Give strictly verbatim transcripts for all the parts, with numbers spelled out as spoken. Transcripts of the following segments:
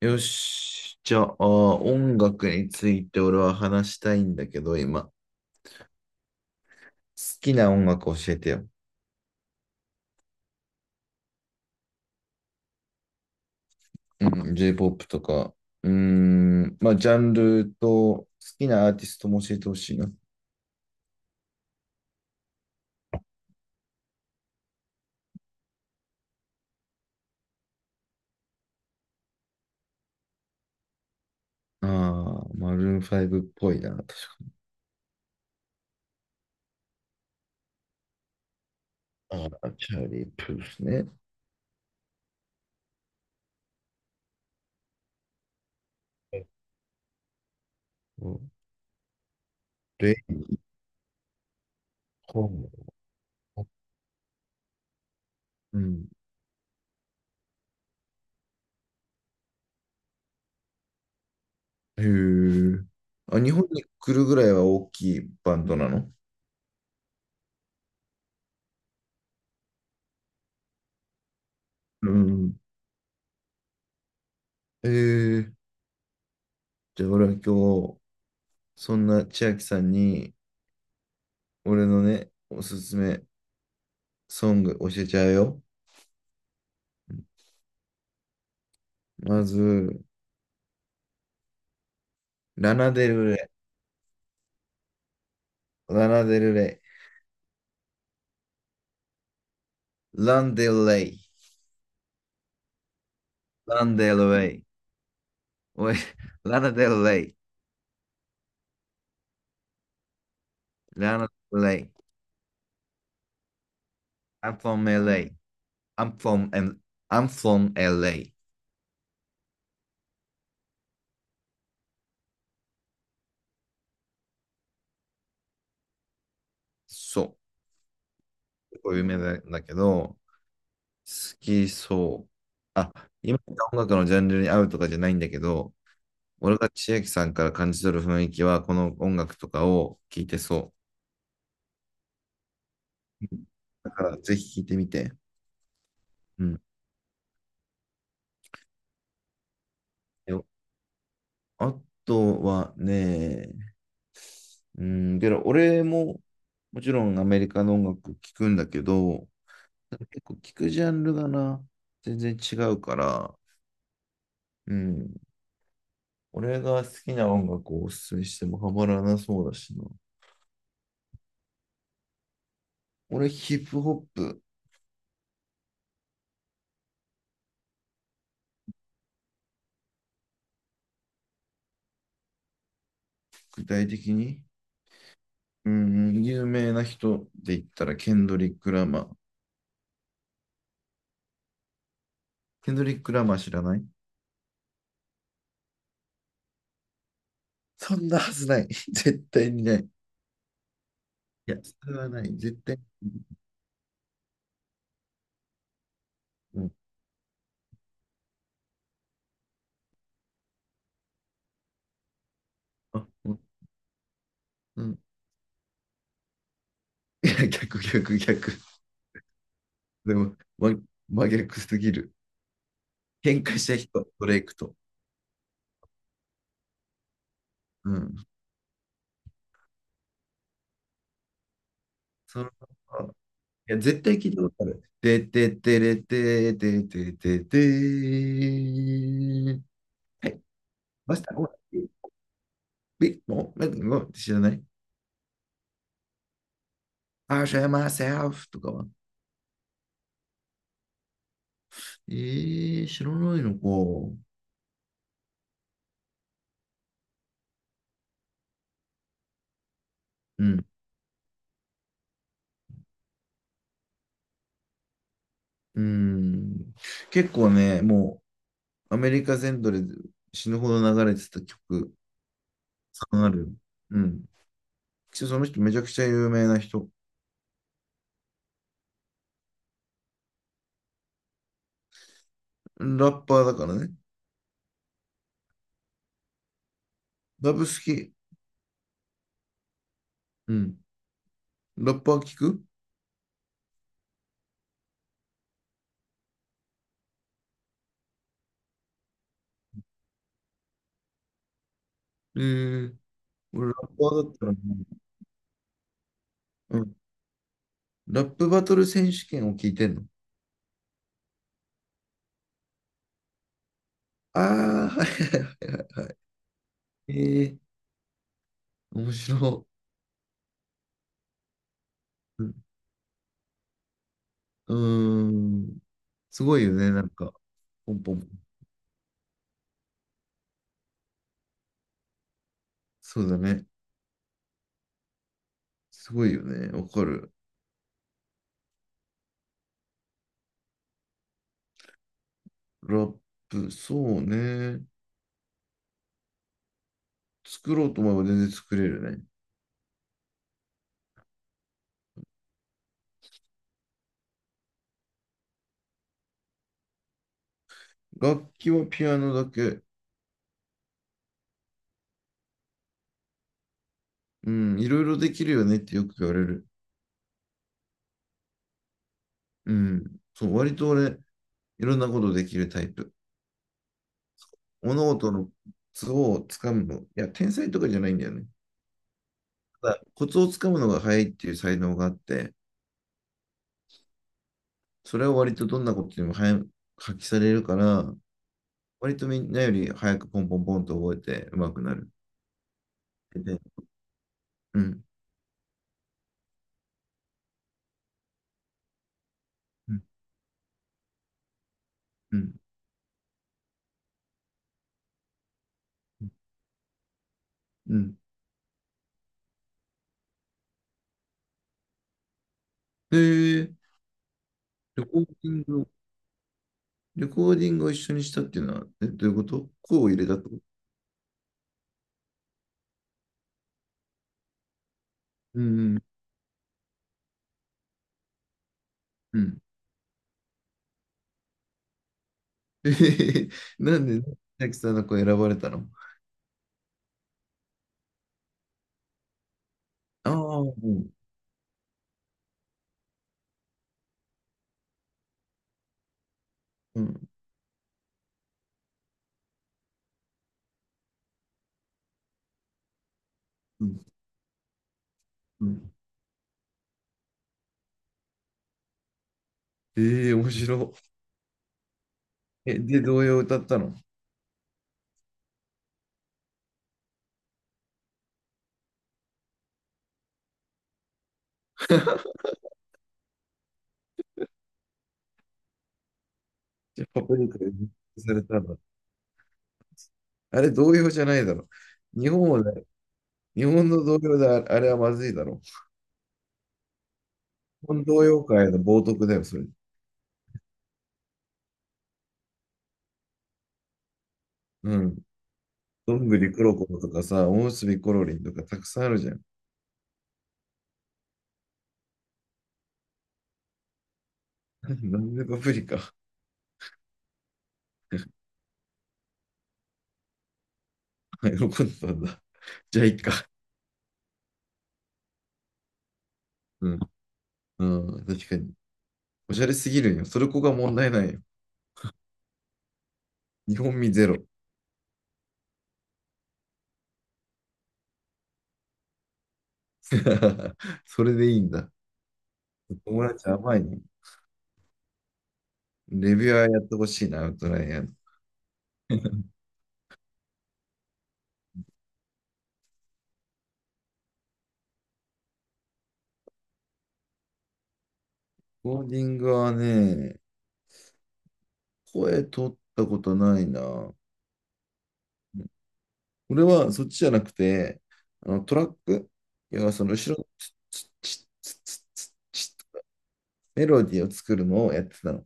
よし。じゃあ、音楽について俺は話したいんだけど、今。好きな音楽教えてよ。うん、J-ポップ とか。うーん、まあ、ジャンルと好きなアーティストも教えてほしいな。ああ、マルーンファイブっぽいな、確か。ああ、チャーリー・プースね。うん。レイ・ホーム。うん。へえ。あ、日本に来るぐらいは大きいバンドなの？うん。ええ。じゃあ、俺は今日、そんな千秋さんに、俺のね、おすすめソング教えちゃうよ。まず、ラナデルレイ、ラナデルレイ、ランデルレイ、ランデルレイ、おい、ラナデルレイ、ラナデルレイ、I'm from エルエー, I'm from, I'm from エルエー. そう、こういう名前だけど、好きそう。あ、今言った音楽のジャンルに合うとかじゃないんだけど、俺が千秋さんから感じ取る雰囲気は、この音楽とかを聴いてそう。うん。だから、ぜひ聴いてみて。うん。よあとはね、うん、けど、俺も、もちろんアメリカの音楽聴くんだけど、結構聴くジャンルがな、全然違うから、うん。俺が好きな音楽をおすすめしてもハマらなそうだしな。俺、ヒップホップ、具体的に、うん、有名な人で言ったら、ケンドリック・ラマー。ケンドリック・ラマー知らない？そんなはずない。絶対にない。いや、それはない。絶対。うん。あ、うん。うん。いや、逆、逆、逆。でも、ま、真逆すぎる。喧嘩した人、ドレイクと。うん。その、あ、いや、絶対聞いたことある。てててれてててててー。はい。マスター、おビッグモー、なんか、知らない？ i show myself とかは。えー、知らないのか。うん。うん。結構ね、もうアメリカ全土で死ぬほど流れてた曲、んある。うん。その人めちゃくちゃ有名な人。ラッパーだからね。ラブ好き。うん。ラッパー聞く？えー、俺ラッパーだったらね、うん。ラップバトル選手権を聞いてんの？ああー、はいはい。ええー、面白い。うん。うーん、すごいよね、なんか。ポンポン。そうだね。すごいよね。わかる。ラップ、そうね。作ろうと思えば全然作れるね。楽器はピアノだけ。うん、いろいろできるよねってよく言われる。うん、そう、割と俺、いろんなことできるタイプ。物事のコツをつかむの。いや、天才とかじゃないんだよね。ただ、コツをつかむのが早いっていう才能があって、それは割とどんなことにも早く発揮されるから、割とみんなより早くポンポンポンと覚えて上手くなる。で、うん、うん、うん、うん。で、レコーディング、レコーディングを一緒にしたっていうのは、え、どういうこと？こう入れたってこと？うんうん、うん。えへへへ、なんで、千秋さんの子選ばれたの？ああ、うん、うん、うん。うん。ええ、面白い。え、で、童謡を歌ったの？じゃあ、パプリカで認定されたの。あれ、童謡じゃないだろ。日本はね、日本の童謡で、あ、あれはまずいだろ。日本童謡界の冒涜だよ、それ。うん。どんぐりころころとかさ、おむすびころりんとかたくさんあるじゃん。なんでパプリカ？ あ、喜んでたんだ。じゃあ、いいか。うん。うん、確かに。おしゃれすぎるんよ。それこが問題ないよ。日本味ゼロ。それでいいんだ。友達甘いね。レビュアーやってほしいな、アウトライアーの。コーディングはね、声取ったことないな。うん。俺はそっちじゃなくて、あのトラック、いや、その後ろのツッチッツッツッツッチッ、メロディーを作るのをやってたの。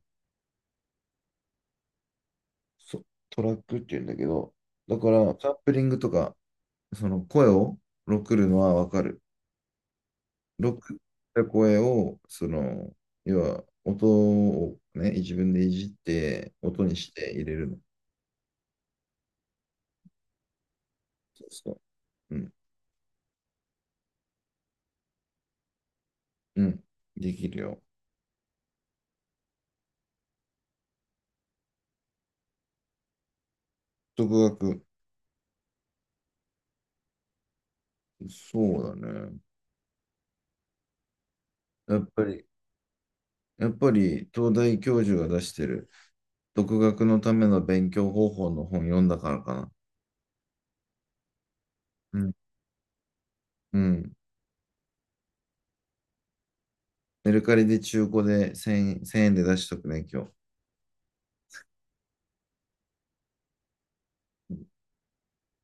そトラックって言うんだけど、だからサンプリングとかその声をロックるのはわかる。ロックった声を、その、要は音をね、自分でいじって、音にして入れるの。そうそう。うん、うん、できるよ。独学、そうだね。やっぱり、やっぱり東大教授が出してる独学のための勉強方法の本読んだからかな。うん。うん。メルカリで中古でいちえん、せんえんで出しとくね、今日。